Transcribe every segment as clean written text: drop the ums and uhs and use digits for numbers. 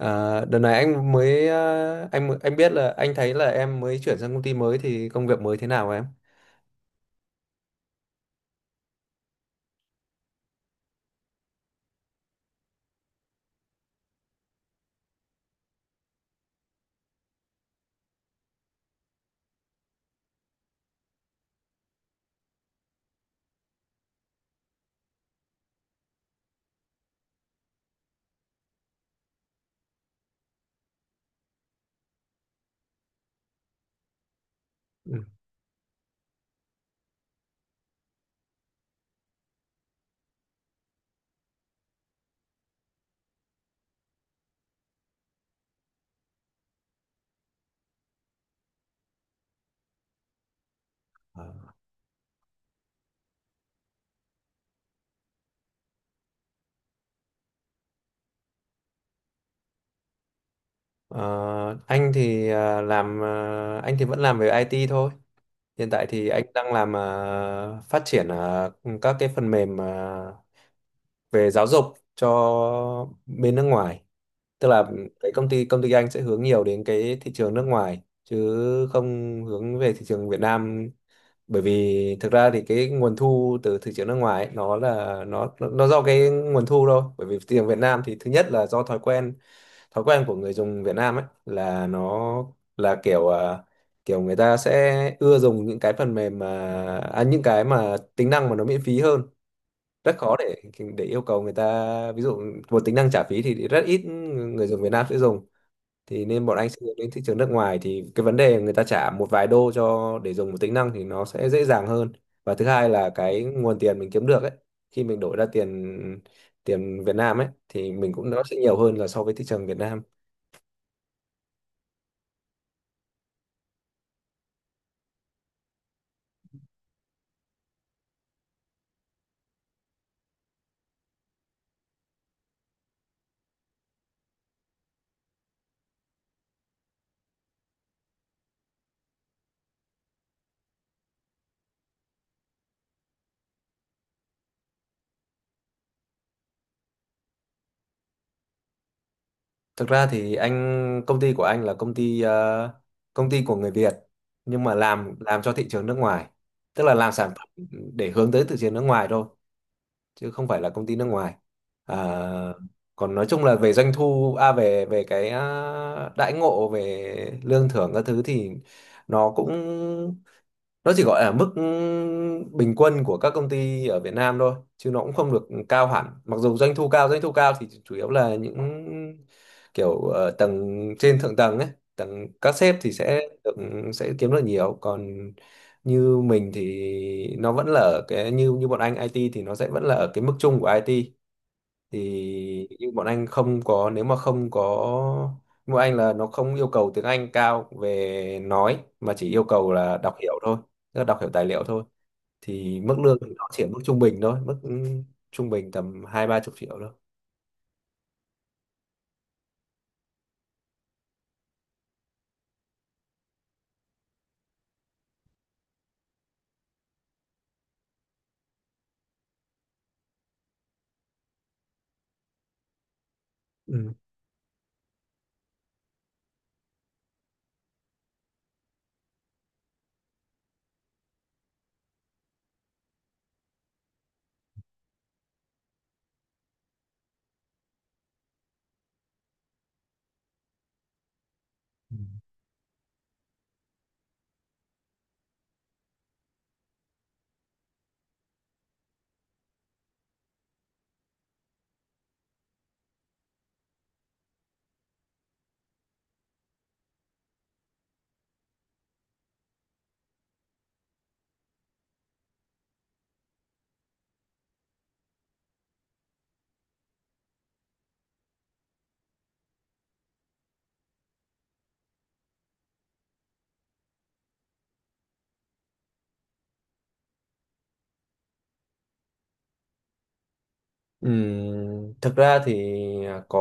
Đợt này anh biết là anh thấy là em mới chuyển sang công ty mới thì công việc mới thế nào em? Ừ. Anh thì vẫn làm về IT thôi. Hiện tại thì anh đang làm, phát triển các cái phần mềm về giáo dục cho bên nước ngoài. Tức là cái công ty anh sẽ hướng nhiều đến cái thị trường nước ngoài, chứ không hướng về thị trường Việt Nam. Bởi vì thực ra thì cái nguồn thu từ thị trường nước ngoài ấy, nó là nó do cái nguồn thu thôi. Bởi vì thị trường Việt Nam thì thứ nhất là do thói quen của người dùng Việt Nam ấy, là nó là kiểu người ta sẽ ưa dùng những cái phần mềm những cái mà tính năng mà nó miễn phí hơn. Rất khó để yêu cầu người ta, ví dụ một tính năng trả phí thì rất ít người dùng Việt Nam sẽ dùng. Thì nên bọn anh sẽ hướng đến thị trường nước ngoài, thì cái vấn đề người ta trả một vài đô cho để dùng một tính năng thì nó sẽ dễ dàng hơn. Và thứ hai là cái nguồn tiền mình kiếm được ấy, khi mình đổi ra tiền tiền Việt Nam ấy thì mình cũng, nó sẽ nhiều hơn là so với thị trường Việt Nam. Thực ra thì công ty của anh là công ty của người Việt, nhưng mà làm cho thị trường nước ngoài, tức là làm sản phẩm để hướng tới thị trường nước ngoài thôi, chứ không phải là công ty nước ngoài. À, còn nói chung là về doanh thu, à về về cái à, đãi ngộ về lương thưởng các thứ thì nó cũng nó chỉ gọi là mức bình quân của các công ty ở Việt Nam thôi, chứ nó cũng không được cao hẳn. Mặc dù doanh thu cao, thì chủ yếu là những tầng trên, thượng tầng ấy, tầng các sếp thì sẽ kiếm được nhiều, còn như mình thì nó vẫn là ở cái, như như bọn anh IT thì nó sẽ vẫn là ở cái mức chung của IT. Thì nhưng bọn anh không có nếu mà không có nhưng bọn anh là nó không yêu cầu tiếng Anh cao về nói, mà chỉ yêu cầu là đọc hiểu thôi, tức là đọc hiểu tài liệu thôi. Thì mức lương thì nó chỉ ở mức trung bình thôi, trung bình tầm hai ba chục triệu thôi. Ừ. Thực ra thì à, có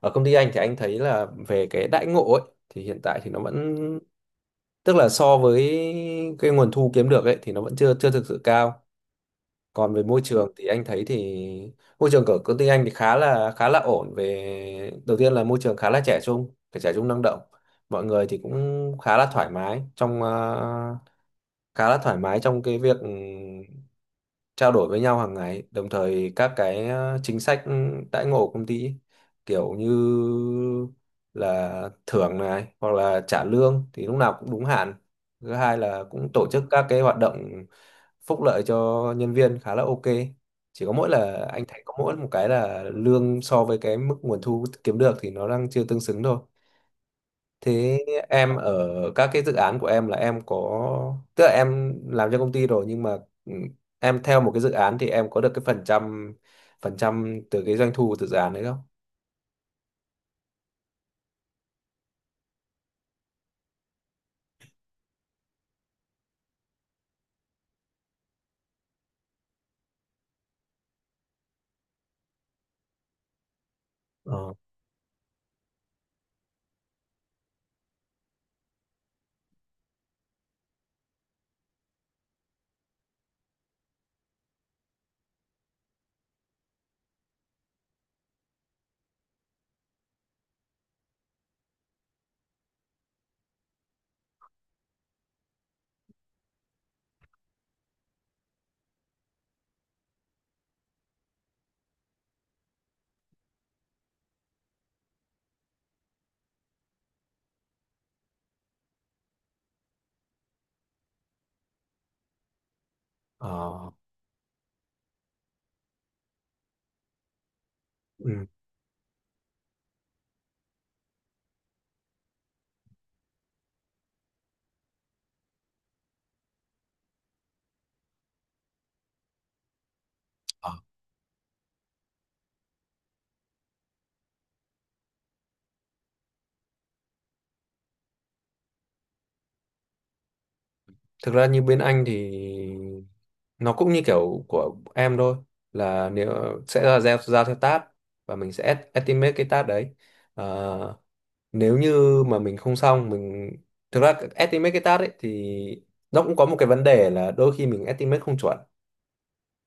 ở công ty anh thì anh thấy là về cái đãi ngộ ấy thì, hiện tại thì nó vẫn tức là so với cái nguồn thu kiếm được ấy thì nó vẫn chưa chưa thực sự cao. Còn về môi trường thì anh thấy thì môi trường của công ty anh thì khá là ổn. Về đầu tiên là môi trường khá là trẻ trung, trẻ trung năng động. Mọi người thì cũng khá là thoải mái trong, khá là thoải mái trong cái việc, trao đổi với nhau hàng ngày. Đồng thời các chính sách đãi ngộ của công ty ấy, kiểu như là thưởng này hoặc là trả lương thì lúc nào cũng đúng hạn. Thứ hai là cũng tổ chức các cái hoạt động phúc lợi cho nhân viên khá là ok. Chỉ có mỗi là anh thấy có mỗi một cái là lương so với cái mức nguồn thu kiếm được thì nó đang chưa tương xứng thôi. Thế em ở các cái dự án của em là, em có tức là em làm cho công ty rồi nhưng mà, ừ, em theo một cái dự án thì em có được cái phần trăm từ cái doanh thu từ dự án đấy không? Ờ, ờ, ừ. Thực ra như bên anh thì nó cũng như kiểu của em thôi, là, sẽ là giao giao theo task và mình sẽ estimate cái task đấy. Ờ, nếu như mà mình không xong mình Thực ra estimate cái task ấy thì nó cũng có một cái vấn đề là đôi khi mình estimate không chuẩn,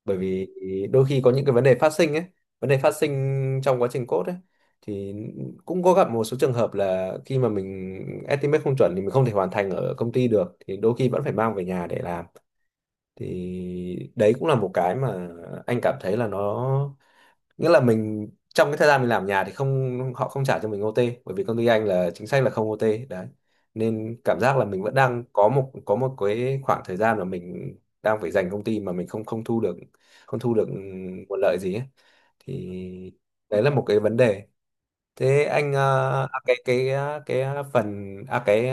bởi vì đôi khi có những cái vấn đề phát sinh ấy, vấn đề phát sinh trong quá trình code ấy, thì cũng có gặp một số trường hợp là khi mà mình estimate không chuẩn thì mình không thể hoàn thành ở công ty được, thì đôi khi vẫn phải mang về nhà để làm. Thì đấy cũng là một cái mà anh cảm thấy là, nghĩa là mình trong cái thời gian mình làm nhà thì, không họ không trả cho mình OT, bởi vì công ty anh là chính sách là không OT đấy, nên cảm giác là mình vẫn đang có một cái khoảng thời gian mà mình đang phải dành công ty mà mình không không thu được, không thu được nguồn lợi gì ấy. Thì đấy là một cái vấn đề. Thế anh, ờ, à, cái à, phần à cái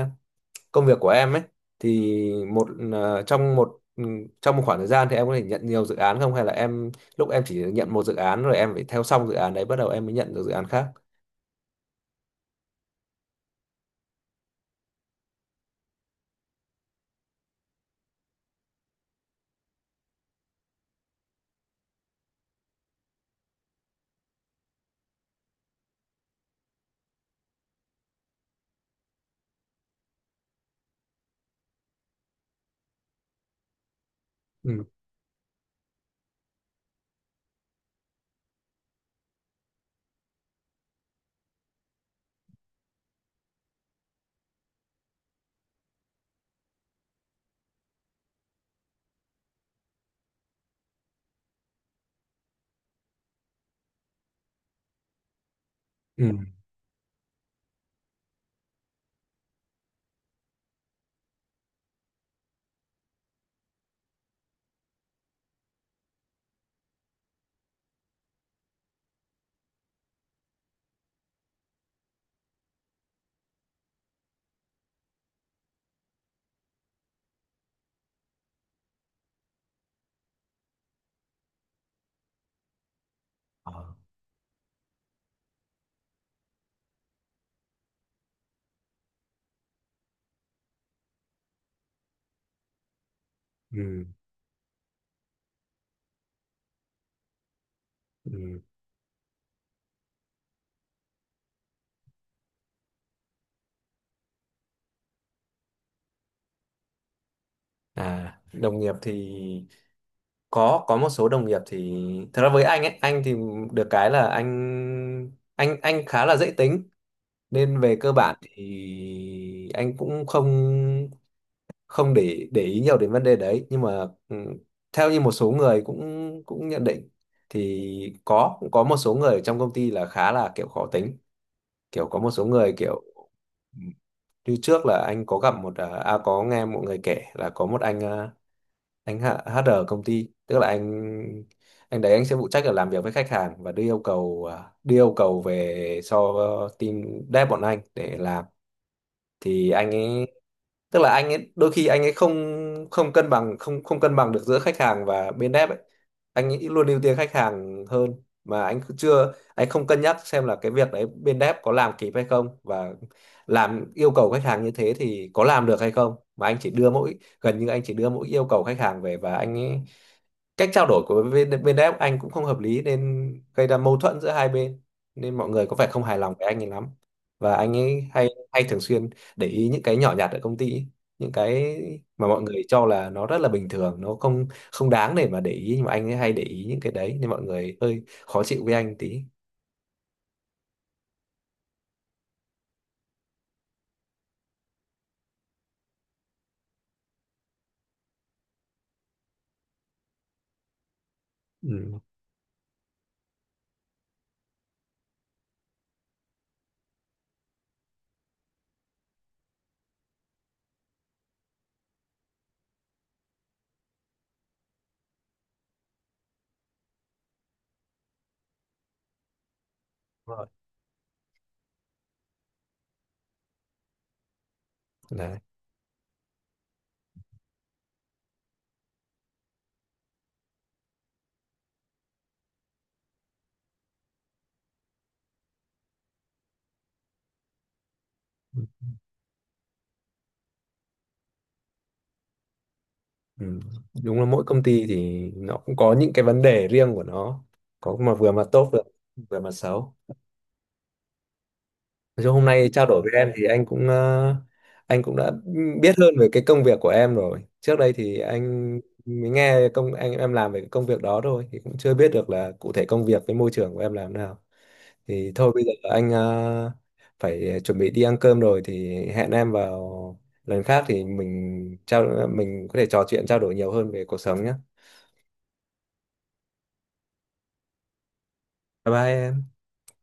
công việc của em ấy thì, trong một, trong một khoảng thời gian thì em có thể nhận nhiều dự án không, hay là em lúc em chỉ nhận một dự án rồi em phải theo xong dự án đấy bắt đầu em mới nhận được dự án khác? Ừ, ừ, ờ, ừ, ừ. Đồng nghiệp thì có một số đồng nghiệp thì, thật ra với anh thì được cái là anh khá là dễ tính, nên về cơ bản thì anh cũng không không để ý nhiều đến vấn đề đấy. Nhưng mà, theo như một số người cũng cũng nhận định thì, cũng có một số người ở trong công ty là khá là kiểu khó tính, kiểu có một số người kiểu, ừ, như trước là anh có gặp có nghe một người kể là có một anh, anh H- HR công ty, tức là anh đấy anh sẽ phụ trách là làm việc với khách hàng và đưa yêu cầu về cho team dev bọn anh để làm. Thì anh ấy, tức là anh ấy đôi khi anh ấy không không cân bằng không không cân bằng được giữa khách hàng và bên dev ấy. Anh ấy luôn ưu tiên khách hàng hơn, mà anh cứ chưa anh không cân nhắc xem là cái việc đấy bên dev có làm kịp hay không, và làm yêu cầu khách hàng như thế thì có làm được hay không, mà anh chỉ đưa mỗi gần như anh chỉ đưa mỗi yêu cầu khách hàng về. Và anh ấy cách trao đổi của bên bên đấy anh cũng không hợp lý, nên gây ra mâu thuẫn giữa hai bên, nên mọi người có vẻ không hài lòng với anh ấy lắm. Và anh ấy hay hay thường xuyên để ý những cái nhỏ nhặt ở công ty ấy, những cái mà mọi người cho là nó rất là bình thường, nó không không đáng để mà để ý, nhưng mà anh ấy hay để ý những cái đấy nên mọi người hơi khó chịu với anh tí. Ừ. Đúng rồi. Đấy. Ừ. Đúng là mỗi công ty thì nó cũng có những cái vấn đề riêng của nó, có mà vừa mặt tốt được, vừa mặt xấu. Nói chung hôm nay trao đổi với em thì, anh cũng đã biết hơn về cái công việc của em rồi. Trước đây thì anh mới nghe, anh em làm về cái công việc đó thôi thì cũng chưa biết được là cụ thể công việc với môi trường của em làm thế nào. Thì thôi bây giờ anh phải chuẩn bị đi ăn cơm rồi, thì hẹn em vào lần khác thì, mình có thể trò chuyện trao đổi nhiều hơn về cuộc sống nhé. Bye bye, em.